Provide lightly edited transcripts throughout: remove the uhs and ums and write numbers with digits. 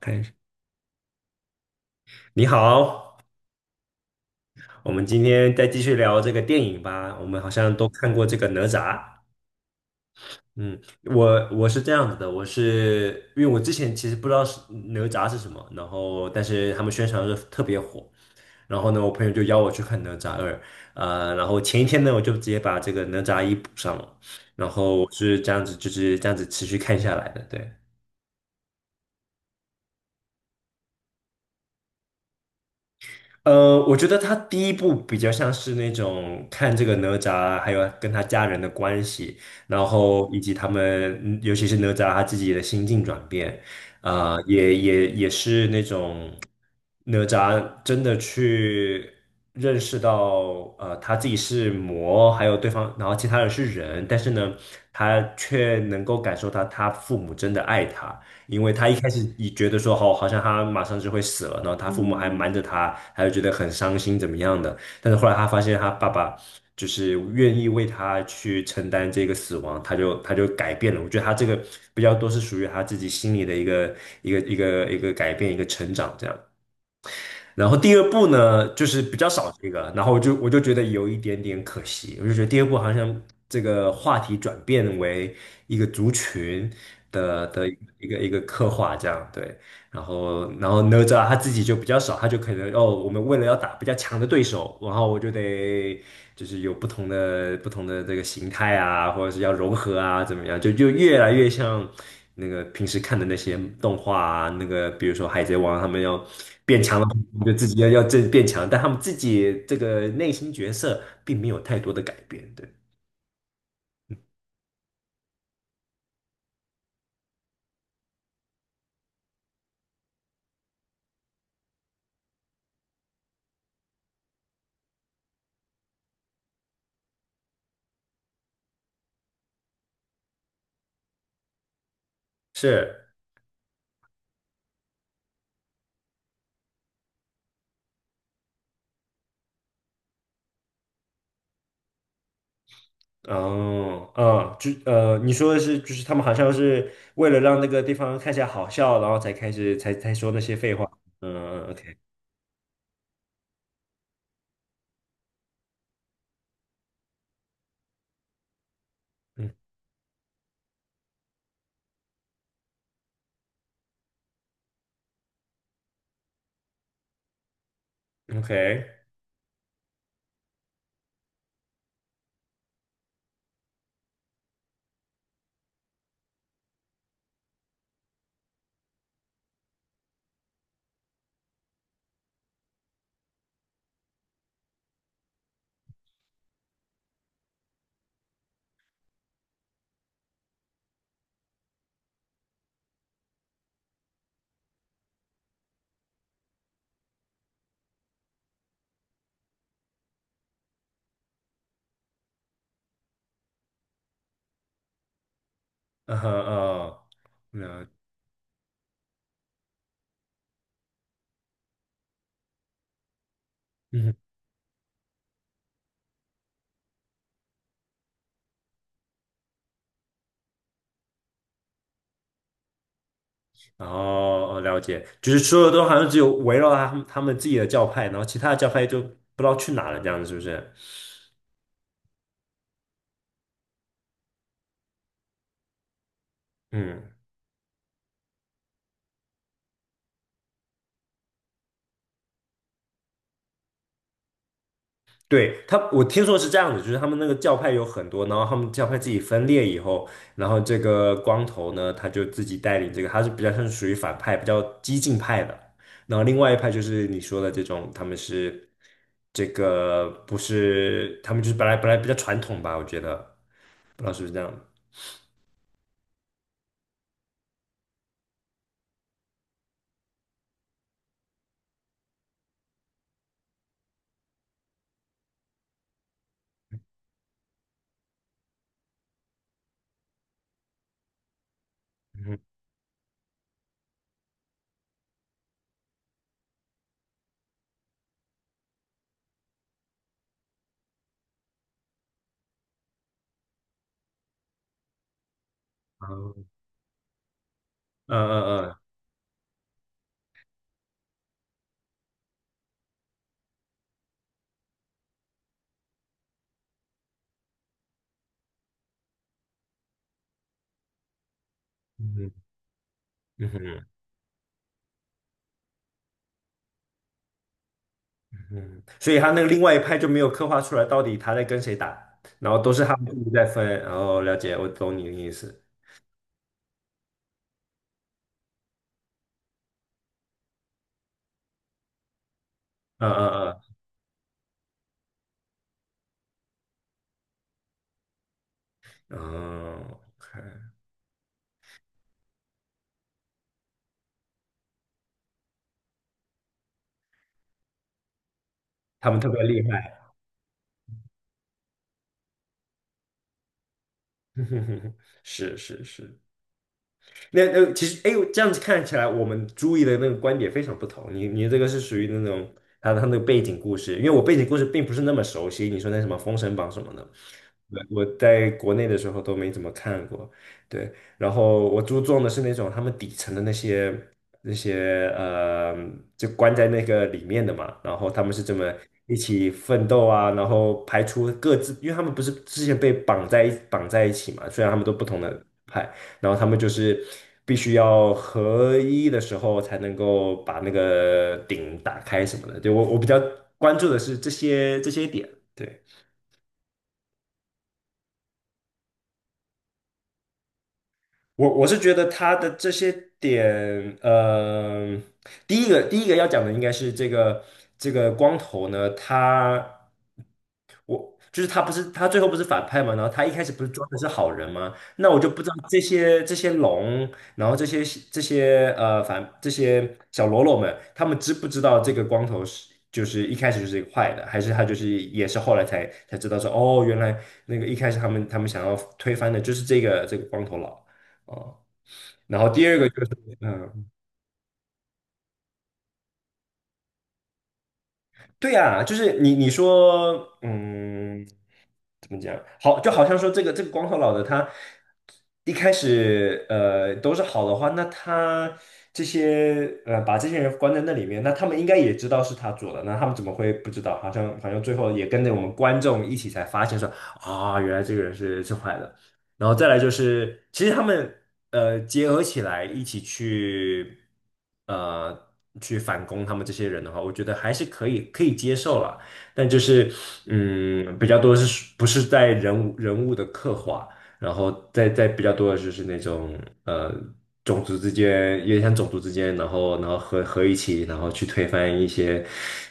看一下，你好，我们今天再继续聊这个电影吧。我们好像都看过这个哪吒。嗯，我是这样子的，我是因为我之前其实不知道是哪吒是什么，然后但是他们宣传的时候特别火，然后呢，我朋友就邀我去看哪吒二。然后前一天呢，我就直接把这个哪吒一补上了，然后我是这样子，就是这样子持续看下来的，对。我觉得他第一部比较像是那种看这个哪吒，还有跟他家人的关系，然后以及他们，尤其是哪吒他自己的心境转变，也是那种哪吒真的去认识到，他自己是魔，还有对方，然后其他人是人，但是呢，他却能够感受到他父母真的爱他。因为他一开始也觉得说，哦，好像他马上就会死了，然后他父母还瞒着他，还有觉得很伤心怎么样的。但是后来他发现他爸爸就是愿意为他去承担这个死亡，他就改变了。我觉得他这个比较多是属于他自己心里的一个改变，一个成长这样。然后第二部呢，就是比较少这个，然后我就觉得有一点点可惜，我就觉得第二部好像这个话题转变为一个族群的一个刻画这样，对。然后哪吒他自己就比较少，他就可能哦，我们为了要打比较强的对手，然后我就得就是有不同的这个形态啊，或者是要融合啊，怎么样，就越来越像那个平时看的那些动画啊，那个比如说海贼王，他们要变强了，就自己要这变强，但他们自己这个内心角色并没有太多的改变，对，是。哦，你说的是，就是他们好像是为了让那个地方看起来好笑，然后才开始才说那些废话。嗯，OK,嗯，OK,嗯嗯，哦，了，嗯，哦，哦了解，就是说的都好像只有围绕他们自己的教派，然后其他的教派就不知道去哪了，这样子是不是？嗯。对，他，我听说是这样子，就是他们那个教派有很多，然后他们教派自己分裂以后，然后这个光头呢，他就自己带领这个，他是比较像是属于反派，比较激进派的。然后另外一派就是你说的这种，他们是这个不是，他们就是本来比较传统吧，我觉得，不知道是不是这样。嗯嗯嗯嗯嗯嗯嗯嗯，所以他那个另外一派就没有刻画出来到底他在跟谁打，然后都是他们自己在分。然后了解，我懂你的意思。嗯嗯嗯嗯，他们特别厉害，是是是。那其实，哎，这样子看起来，我们注意的那个观点非常不同。你这个是属于那种他那个背景故事，因为我背景故事并不是那么熟悉。你说那什么《封神榜》什么的，对我在国内的时候都没怎么看过，对。然后我注重的是那种他们底层的那些那些呃，就关在那个里面的嘛。然后他们是这么一起奋斗啊，然后排除各自，因为他们不是之前被绑在一起嘛，虽然他们都不同的派，然后他们就是必须要合一的时候才能够把那个顶打开什么的。对，我比较关注的是这些点，对。我是觉得他的这些点，第一个要讲的应该是这个光头呢，他我就是他不是他最后不是反派嘛，然后他一开始不是装的是好人吗？那我就不知道这些龙，然后这些这些小喽啰们，他们知不知道这个光头是就是一开始就是一个坏的，还是他就是也是后来才知道说哦，原来那个一开始他们想要推翻的就是这个光头佬。哦，然后第二个就是，嗯，对呀，就是你说，嗯。怎么讲？好，就好像说这个光头佬的他一开始都是好的话，那他这些把这些人关在那里面，那他们应该也知道是他做的，那他们怎么会不知道？好像最后也跟着我们观众一起才发现说原来这个人是坏的。然后再来就是，其实他们结合起来一起去呃去反攻他们这些人的话，我觉得还是可以接受了。但就是比较多是属不是在人物的刻画，然后再比较多的就是那种呃种族之间，有点像种族之间，然后然后合一起，然后去推翻一些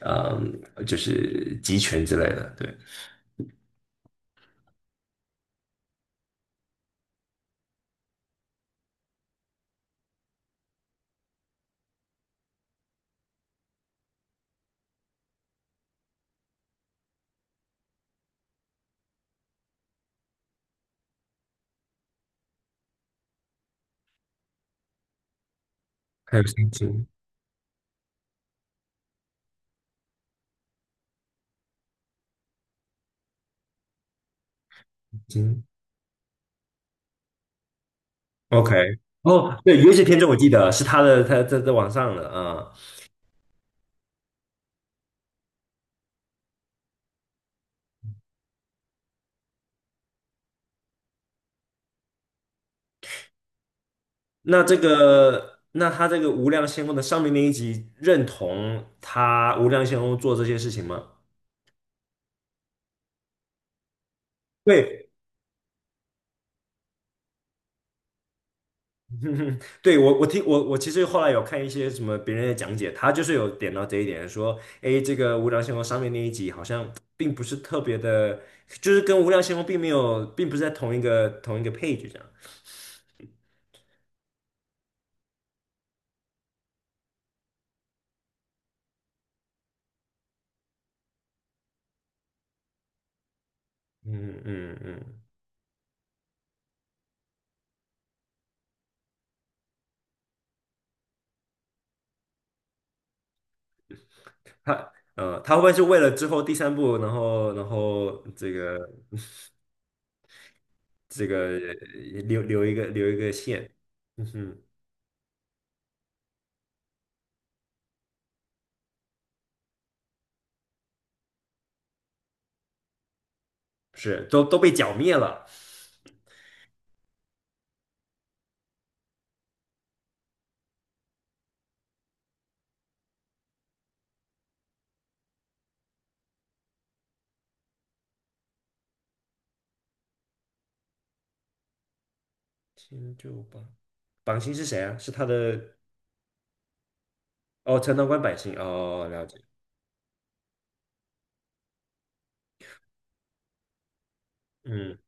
就是集权之类的，对。还有星，OK,哦，对，《原些天尊》我记得是他的，他在网上的那他这个无量仙翁的上面那一集认同他无量仙翁做这些事情吗？对，嗯对，我其实后来有看一些什么别人的讲解，他就是有点到这一点，说，哎，这个无量星空上面那一集好像并不是特别的，就是跟无量星空并没有，并不是在同一个 page 这样。嗯嗯嗯，他会不会是为了之后第三部，然后这个留一个线？嗯哼，是都被剿灭了。天就榜星是谁啊？是他的哦，陈道官百姓哦，了解。嗯，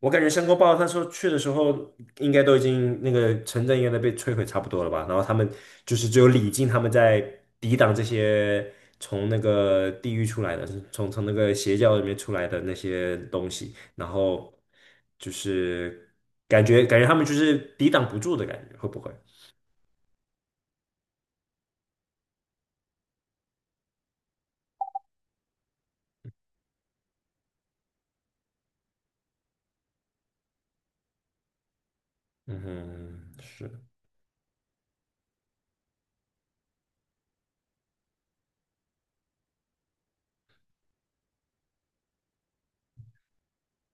我感觉申公豹他说去的时候，应该都已经那个城镇应该都被摧毁差不多了吧？然后他们就是只有李靖他们在抵挡这些从那个地狱出来的，是从那个邪教里面出来的那些东西，然后就是感觉他们就是抵挡不住的感觉，会不会？嗯哼，是。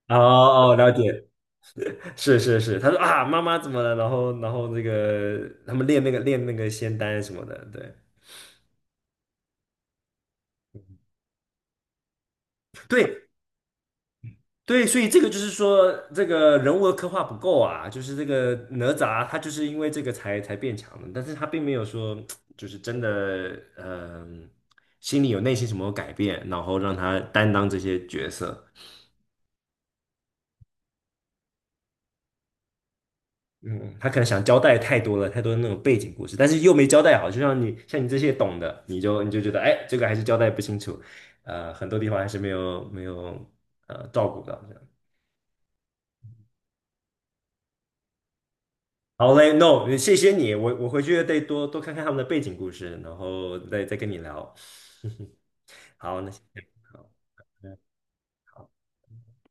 哦哦，了解，是是是，他说啊，妈妈怎么了？然后那个他们练那个仙丹什么的，对。对，对，所以这个就是说，这个人物的刻画不够啊，就是这个哪吒他就是因为这个才变强的，但是他并没有说就是真的，心里有内心什么改变，然后让他担当这些角色。嗯，他可能想交代太多了，太多的那种背景故事，但是又没交代好，就像你这些懂的，你就觉得，哎，这个还是交代不清楚，很多地方还是没有照顾到，这样。好嘞，No,谢谢你，我回去得多多看看他们的背景故事，然后再跟你聊。好，那先这样好。好